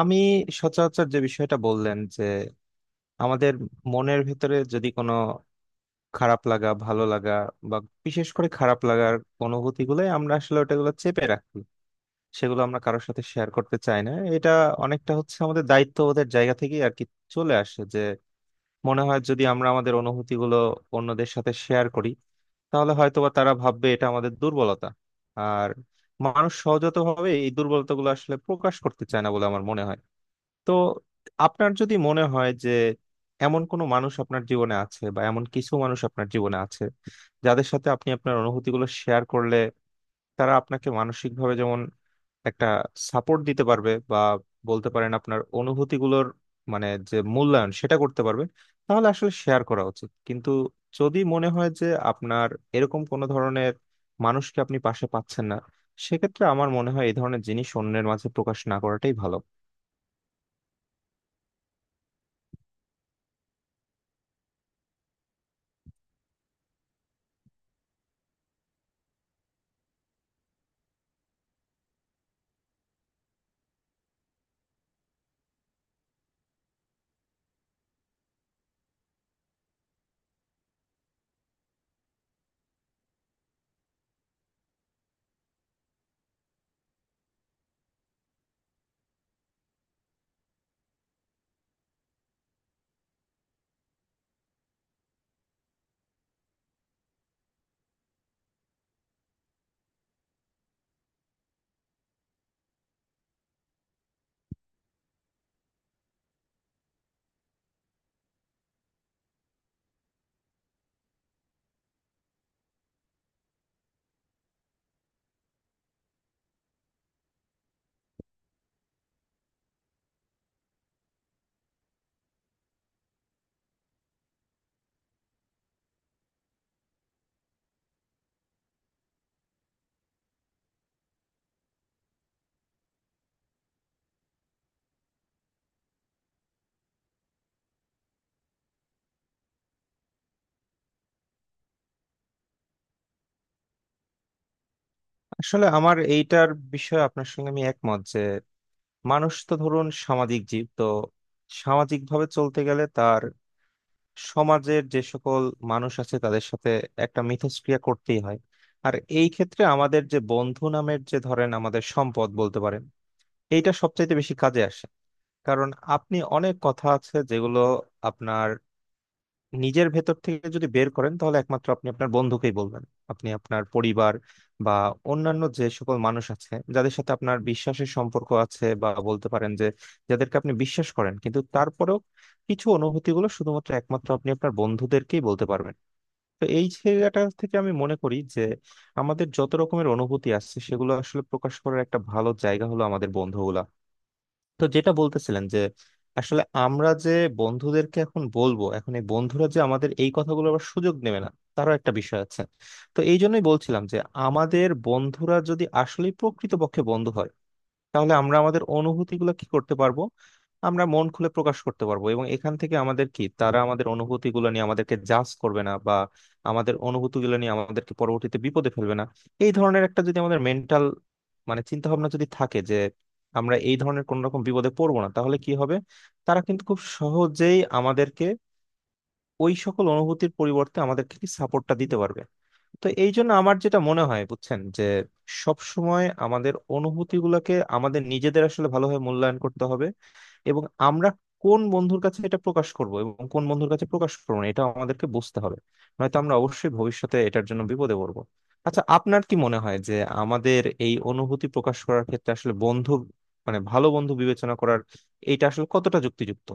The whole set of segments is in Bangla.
আমি সচরাচর যে বিষয়টা বললেন যে আমাদের মনের ভিতরে যদি কোনো খারাপ লাগা ভালো লাগা বা বিশেষ করে খারাপ লাগার অনুভূতি গুলো আমরা আসলে ওটাগুলো চেপে রাখি, সেগুলো আমরা কারোর সাথে শেয়ার করতে চাই না। এটা অনেকটা হচ্ছে আমাদের দায়িত্ববোধের জায়গা থেকেই আর কি চলে আসে যে, মনে হয় যদি আমরা আমাদের অনুভূতি গুলো অন্যদের সাথে শেয়ার করি তাহলে হয়তোবা তারা ভাববে এটা আমাদের দুর্বলতা। আর মানুষ সহজাতভাবে এই দুর্বলতাগুলো আসলে প্রকাশ করতে চায় না বলে আমার মনে হয়। তো আপনার যদি মনে হয় যে এমন কোনো মানুষ আপনার জীবনে আছে বা এমন কিছু মানুষ আপনার জীবনে আছে, যাদের সাথে আপনি আপনার অনুভূতিগুলো শেয়ার করলে তারা আপনাকে মানসিকভাবে যেমন একটা সাপোর্ট দিতে পারবে বা বলতে পারেন আপনার অনুভূতিগুলোর মানে যে মূল্যায়ন সেটা করতে পারবে, তাহলে আসলে শেয়ার করা উচিত। কিন্তু যদি মনে হয় যে আপনার এরকম কোনো ধরনের মানুষকে আপনি পাশে পাচ্ছেন না, সেক্ষেত্রে আমার মনে হয় এই ধরনের জিনিস অন্যের মাঝে প্রকাশ না করাটাই ভালো। আসলে আমার এইটার বিষয়ে আপনার সঙ্গে আমি একমত যে মানুষ তো ধরুন সামাজিক জীব, তো সামাজিক ভাবে চলতে গেলে তার সমাজের যে সকল মানুষ আছে তাদের সাথে একটা মিথস্ক্রিয়া করতেই হয়। আর এই ক্ষেত্রে আমাদের যে বন্ধু নামের যে ধরেন আমাদের সম্পদ বলতে পারেন, এইটা সবচাইতে বেশি কাজে আসে। কারণ আপনি অনেক কথা আছে যেগুলো আপনার নিজের ভেতর থেকে যদি বের করেন তাহলে একমাত্র আপনি আপনার বন্ধুকেই বলবেন। আপনি আপনার পরিবার বা অন্যান্য যে সকল মানুষ আছে যাদের সাথে আপনার বিশ্বাসের সম্পর্ক আছে বা বলতে পারেন যে যাদেরকে আপনি বিশ্বাস করেন, কিন্তু তারপরেও কিছু অনুভূতিগুলো শুধুমাত্র একমাত্র আপনি আপনার বন্ধুদেরকেই বলতে পারবেন। তো এই জায়গাটা থেকে আমি মনে করি যে আমাদের যত রকমের অনুভূতি আসছে সেগুলো আসলে প্রকাশ করার একটা ভালো জায়গা হলো আমাদের বন্ধুগুলা। তো যেটা বলতেছিলেন যে আসলে আমরা যে বন্ধুদেরকে এখন বলবো, এখন এই বন্ধুরা যে আমাদের এই কথাগুলো আবার সুযোগ নেবে না, তারও একটা বিষয় আছে। তো এই জন্যই বলছিলাম যে আমাদের বন্ধুরা যদি আসলে প্রকৃতপক্ষে বন্ধু হয়, তাহলে আমরা আমাদের অনুভূতিগুলো কি করতে পারবো? আমরা মন খুলে প্রকাশ করতে পারবো, এবং এখান থেকে আমাদের কি তারা আমাদের অনুভূতিগুলো নিয়ে আমাদেরকে জাজ করবে না বা আমাদের অনুভূতিগুলো নিয়ে আমাদেরকে পরবর্তীতে বিপদে ফেলবে না, এই ধরনের একটা যদি আমাদের মেন্টাল চিন্তা ভাবনা যদি থাকে যে আমরা এই ধরনের কোন রকম বিপদে পড়বো না, তাহলে কি হবে, তারা কিন্তু খুব সহজেই আমাদেরকে ওই সকল অনুভূতির পরিবর্তে আমাদেরকে কি সাপোর্টটা দিতে পারবে। তো এই জন্য আমার যেটা মনে হয় বুঝছেন যে সব সময় আমাদের অনুভূতিগুলোকে আমাদের নিজেদের আসলে ভালোভাবে মূল্যায়ন করতে হবে। এবং আমরা কোন বন্ধুর কাছে এটা প্রকাশ করব এবং কোন বন্ধুর কাছে প্রকাশ করবো না, এটা আমাদেরকে বুঝতে হবে। নয়তো আমরা অবশ্যই ভবিষ্যতে এটার জন্য বিপদে পড়বো। আচ্ছা, আপনার কি মনে হয় যে আমাদের এই অনুভূতি প্রকাশ করার ক্ষেত্রে আসলে বন্ধু ভালো বন্ধু বিবেচনা করার এটা আসলে কতটা যুক্তিযুক্ত?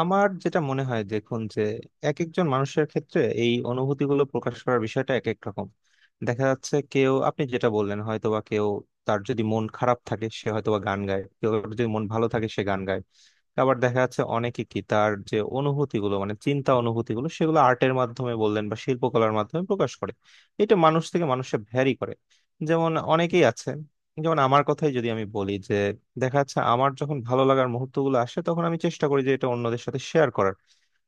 আমার যেটা মনে হয় দেখুন যে এক একজন মানুষের ক্ষেত্রে এই অনুভূতিগুলো প্রকাশ করার বিষয়টা এক এক রকম। দেখা যাচ্ছে কেউ, আপনি যেটা বললেন, হয়তোবা কেউ তার যদি মন খারাপ থাকে সে হয়তোবা গান গায়, কেউ যদি মন ভালো থাকে সে গান গায়। আবার দেখা যাচ্ছে অনেকে কি তার যে অনুভূতিগুলো চিন্তা অনুভূতিগুলো সেগুলো আর্টের মাধ্যমে বললেন বা শিল্পকলার মাধ্যমে প্রকাশ করে। এটা মানুষ থেকে মানুষে ভ্যারি করে। যেমন অনেকেই আছে, যেমন আমার কথাই যদি আমি বলি যে দেখা যাচ্ছে আমার যখন ভালো লাগার মুহূর্তগুলো আসে তখন আমি চেষ্টা করি যে এটা অন্যদের সাথে শেয়ার করার।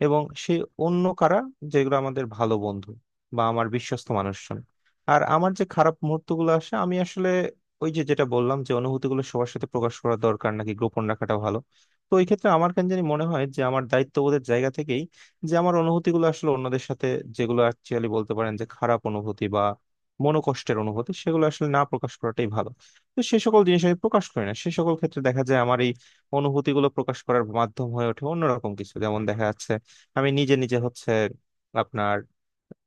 এবং সেই অন্য কারা? যেগুলো আমাদের ভালো বন্ধু বা আমার বিশ্বস্ত মানুষজন। আর আমার যে খারাপ মুহূর্তগুলো আসে, আমি আসলে ওই যে যেটা বললাম যে অনুভূতিগুলো সবার সাথে প্রকাশ করা দরকার নাকি গোপন রাখাটা ভালো, তো এই ক্ষেত্রে আমার কেন জানি মনে হয় যে আমার দায়িত্ববোধের জায়গা থেকেই যে আমার অনুভূতিগুলো আসলে অন্যদের সাথে, যেগুলো অ্যাকচুয়ালি বলতে পারেন যে খারাপ অনুভূতি বা মনোকষ্টের অনুভূতি সেগুলো আসলে না প্রকাশ করাটাই ভালো। তো সে সকল জিনিস আমি প্রকাশ করি না, সে সকল ক্ষেত্রে দেখা যায় আমার এই অনুভূতিগুলো প্রকাশ করার মাধ্যম হয়ে ওঠে অন্যরকম কিছু। যেমন দেখা যাচ্ছে আমি নিজে নিজে আপনার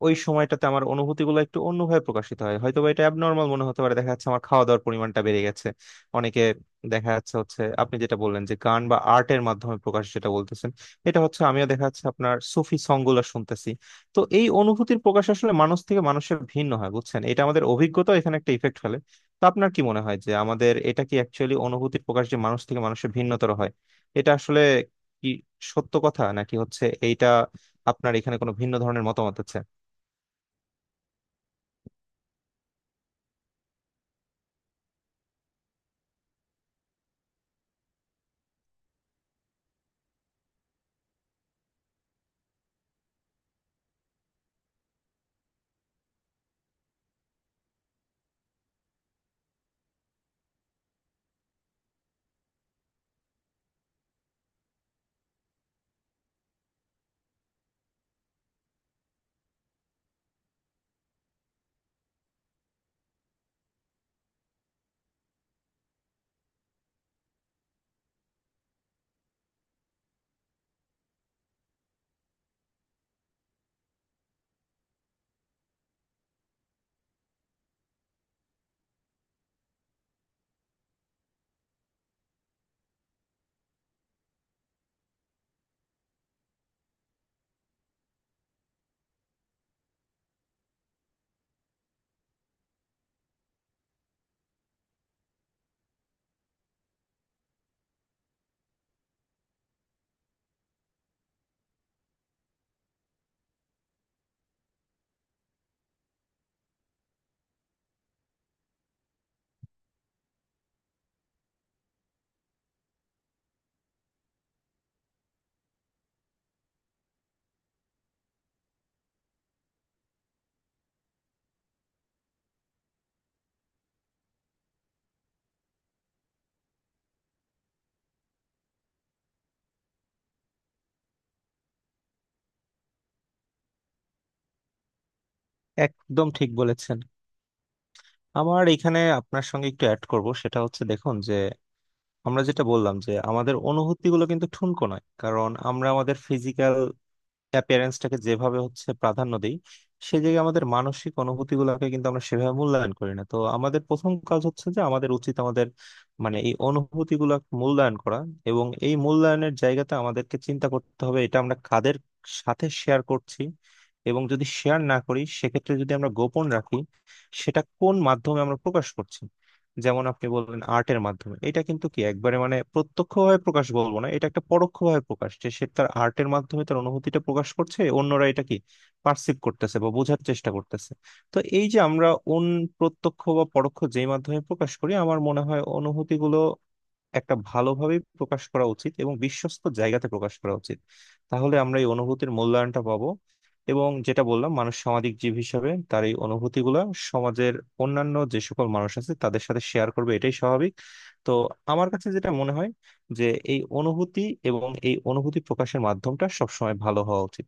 ওই সময়টাতে আমার অনুভূতিগুলো একটু অন্যভাবে প্রকাশিত হয়, হয়তো বা এটা অ্যাবনর্মাল মনে হতে পারে, দেখা যাচ্ছে আমার খাওয়া দাওয়ার পরিমাণটা বেড়ে গেছে। অনেকে, দেখা যাচ্ছে আপনি যেটা বললেন যে গান বা আর্টের মাধ্যমে প্রকাশ যেটা বলতেছেন, এটা হচ্ছে আমিও দেখা যাচ্ছে আপনার সুফি সংগুলো শুনতেছি। তো এই অনুভূতির প্রকাশ আসলে মানুষ থেকে মানুষের ভিন্ন হয় বুঝছেন, এটা আমাদের অভিজ্ঞতা এখানে একটা ইফেক্ট ফেলে। তো আপনার কি মনে হয় যে আমাদের এটা কি অ্যাকচুয়ালি অনুভূতির প্রকাশ যে মানুষ থেকে মানুষের ভিন্নতর হয়, এটা আসলে কি সত্য কথা নাকি হচ্ছে এইটা আপনার এখানে কোনো ভিন্ন ধরনের মতামত আছে? একদম ঠিক বলেছেন। আমার এখানে আপনার সঙ্গে একটু অ্যাড করব, সেটা হচ্ছে দেখুন যে আমরা যেটা বললাম যে আমাদের অনুভূতিগুলো কিন্তু ঠুনকো নয়, কারণ আমরা আমাদের ফিজিক্যাল প্যারেন্টসটাকে যেভাবে হচ্ছে প্রাধান্য দিই, সেই জায়গায় আমাদের মানসিক অনুভূতি গুলাকে কিন্তু আমরা সেভাবে মূল্যায়ন করি না। তো আমাদের প্রথম কাজ হচ্ছে যে আমাদের উচিত আমাদের এই অনুভূতি গুলা মূল্যায়ন করা। এবং এই মূল্যায়নের জায়গাতে আমাদেরকে চিন্তা করতে হবে এটা আমরা কাদের সাথে শেয়ার করছি, এবং যদি শেয়ার না করি সেক্ষেত্রে যদি আমরা গোপন রাখি, সেটা কোন মাধ্যমে আমরা প্রকাশ করছি। যেমন আপনি বললেন আর্টের মাধ্যমে, এটা কিন্তু কি একবারে প্রত্যক্ষভাবে প্রকাশ বলবো না, এটা একটা পরোক্ষভাবে প্রকাশ যে সে তার আর্টের মাধ্যমে তার অনুভূতিটা প্রকাশ করছে, অন্যরা এটা কি পার্সিভ করতেছে বা বোঝার চেষ্টা করতেছে। তো এই যে আমরা অন প্রত্যক্ষ বা পরোক্ষ যেই মাধ্যমে প্রকাশ করি, আমার মনে হয় অনুভূতিগুলো একটা ভালোভাবে প্রকাশ করা উচিত এবং বিশ্বস্ত জায়গাতে প্রকাশ করা উচিত। তাহলে আমরা এই অনুভূতির মূল্যায়নটা পাবো। এবং যেটা বললাম মানুষ সামাজিক জীব হিসাবে তার এই অনুভূতিগুলা সমাজের অন্যান্য যে সকল মানুষ আছে তাদের সাথে শেয়ার করবে, এটাই স্বাভাবিক। তো আমার কাছে যেটা মনে হয় যে এই অনুভূতি এবং এই অনুভূতি প্রকাশের মাধ্যমটা সবসময় ভালো হওয়া উচিত।